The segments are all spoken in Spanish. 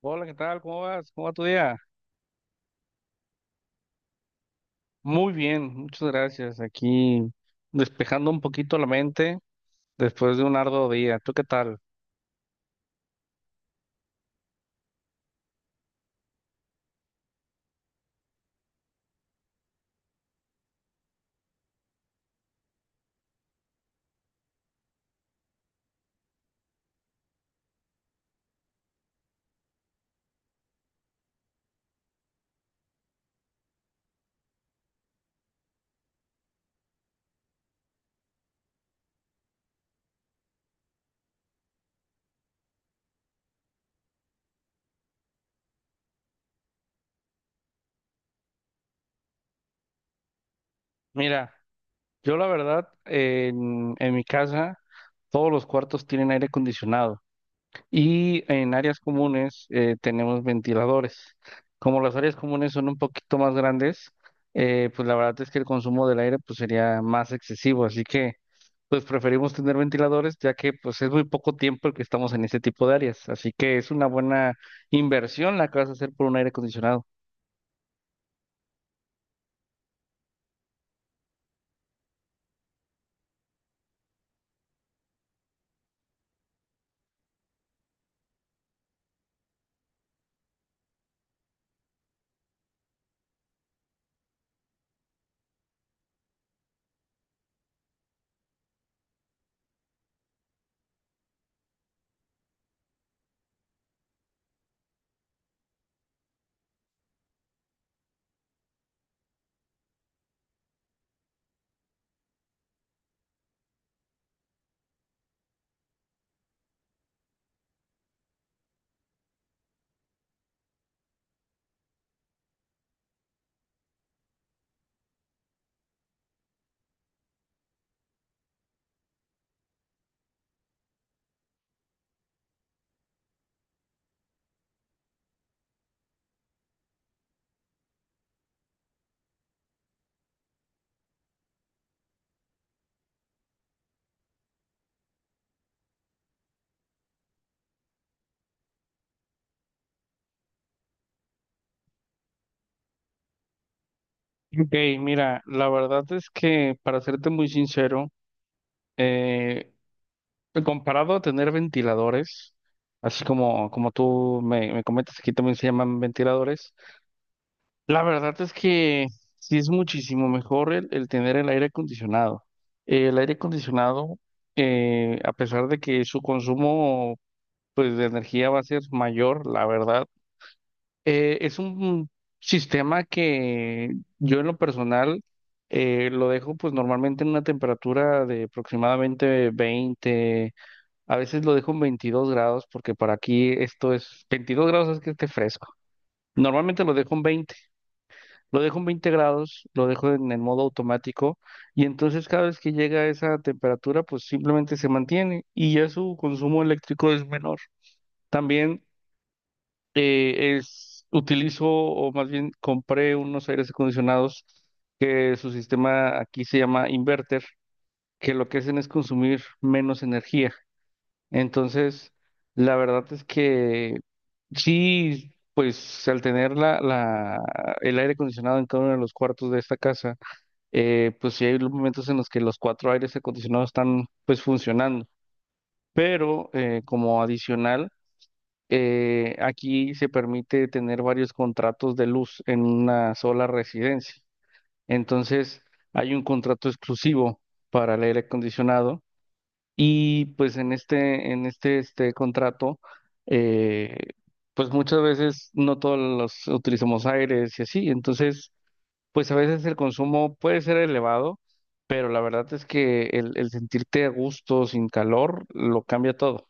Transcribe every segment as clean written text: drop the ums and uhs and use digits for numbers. Hola, ¿qué tal? ¿Cómo vas? ¿Cómo va tu día? Muy bien, muchas gracias. Aquí despejando un poquito la mente después de un arduo día. ¿Tú qué tal? Mira, yo la verdad, en mi casa todos los cuartos tienen aire acondicionado y en áreas comunes tenemos ventiladores. Como las áreas comunes son un poquito más grandes, pues la verdad es que el consumo del aire pues sería más excesivo. Así que pues preferimos tener ventiladores, ya que pues es muy poco tiempo el que estamos en este tipo de áreas, así que es una buena inversión la que vas a hacer por un aire acondicionado. Ok, mira, la verdad es que para serte muy sincero, eh, comparado a tener ventiladores, así como, como tú me comentas, aquí también se llaman ventiladores. La verdad es que sí es muchísimo mejor el tener el aire acondicionado. El aire acondicionado, a pesar de que su consumo pues de energía va a ser mayor, la verdad. Es un sistema que yo en lo personal lo dejo pues normalmente en una temperatura de aproximadamente 20. A veces lo dejo en 22 grados, porque para aquí esto es, 22 grados es que esté fresco. Normalmente lo dejo en veinte grados, lo dejo en el modo automático y entonces cada vez que llega a esa temperatura pues simplemente se mantiene y ya su consumo eléctrico es menor. También utilizo, o más bien compré unos aires acondicionados que su sistema aquí se llama inverter, que lo que hacen es consumir menos energía. Entonces, la verdad es que sí, pues al tener el aire acondicionado en cada uno de los cuartos de esta casa, pues sí hay momentos en los que los cuatro aires acondicionados están pues funcionando. Pero como adicional, aquí se permite tener varios contratos de luz en una sola residencia. Entonces, hay un contrato exclusivo para el aire acondicionado y pues en este contrato, eh, pues muchas veces no todos los utilizamos aires y así. Entonces, pues a veces el consumo puede ser elevado, pero la verdad es que el sentirte a gusto, sin calor, lo cambia todo.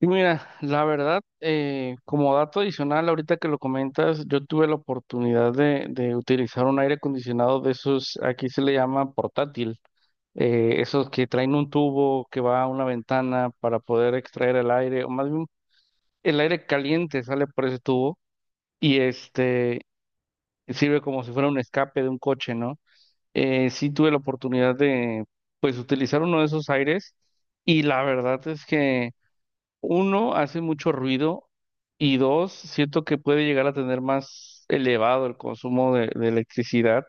Y mira, la verdad, como dato adicional, ahorita que lo comentas, yo tuve la oportunidad de utilizar un aire acondicionado de esos, aquí se le llama portátil, esos que traen un tubo que va a una ventana para poder extraer el aire, o más bien el aire caliente sale por ese tubo y este sirve como si fuera un escape de un coche, ¿no? Sí tuve la oportunidad de, pues, utilizar uno de esos aires y la verdad es que uno, hace mucho ruido y dos, siento que puede llegar a tener más elevado el consumo de electricidad,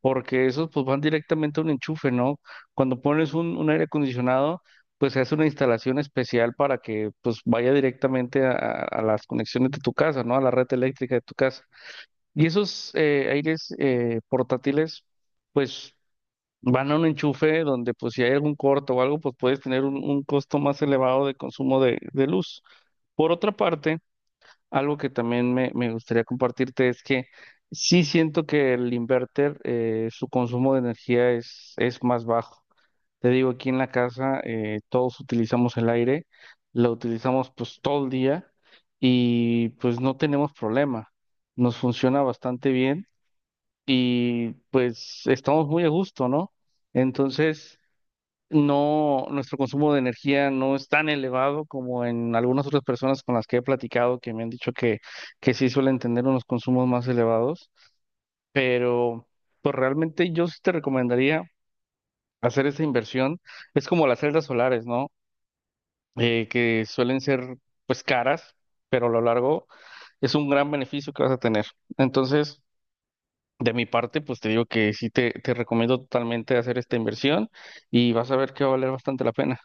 porque esos pues van directamente a un enchufe, ¿no? Cuando pones un aire acondicionado, pues se hace una instalación especial para que pues vaya directamente a, a las conexiones de tu casa, ¿no? A la red eléctrica de tu casa. Y esos aires portátiles, pues van a un enchufe donde pues si hay algún corto o algo, pues puedes tener un costo más elevado de consumo de luz. Por otra parte, algo que también me gustaría compartirte es que sí siento que el inverter, su consumo de energía es más bajo. Te digo, aquí en la casa todos utilizamos el aire, lo utilizamos pues todo el día y pues no tenemos problema. Nos funciona bastante bien y pues estamos muy a gusto, ¿no? Entonces no, nuestro consumo de energía no es tan elevado como en algunas otras personas con las que he platicado, que me han dicho que sí suelen tener unos consumos más elevados, pero pues realmente yo sí te recomendaría hacer esa inversión. Es como las celdas solares, ¿no? Que suelen ser pues caras, pero a lo largo es un gran beneficio que vas a tener. Entonces, de mi parte, pues te digo que sí te recomiendo totalmente hacer esta inversión y vas a ver que va a valer bastante la pena.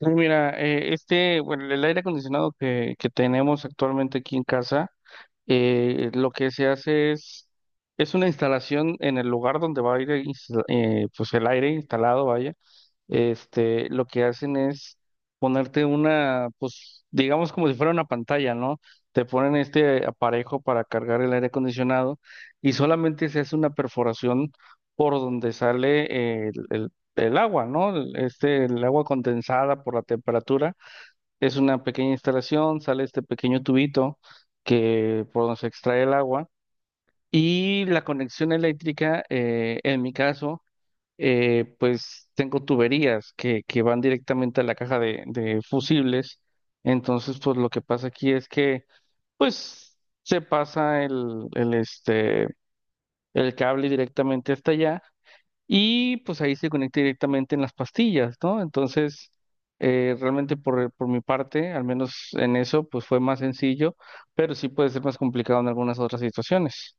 Sí, mira, bueno, el aire acondicionado que tenemos actualmente aquí en casa, lo que se hace es una instalación en el lugar donde va a ir pues el aire instalado. Vaya, este, lo que hacen es ponerte una, pues, digamos como si fuera una pantalla, ¿no? Te ponen este aparejo para cargar el aire acondicionado y solamente se hace una perforación por donde sale el agua, ¿no? El agua condensada por la temperatura. Es una pequeña instalación, sale este pequeño tubito que por donde se extrae el agua. Y la conexión eléctrica, en mi caso, pues tengo tuberías que van directamente a la caja de fusibles. Entonces, pues lo que pasa aquí es que, pues, se pasa el cable directamente hasta allá y pues ahí se conecta directamente en las pastillas, ¿no? Entonces, realmente por mi parte, al menos en eso, pues fue más sencillo, pero sí puede ser más complicado en algunas otras situaciones.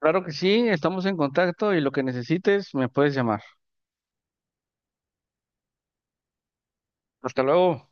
Claro que sí, estamos en contacto y lo que necesites me puedes llamar. Hasta luego.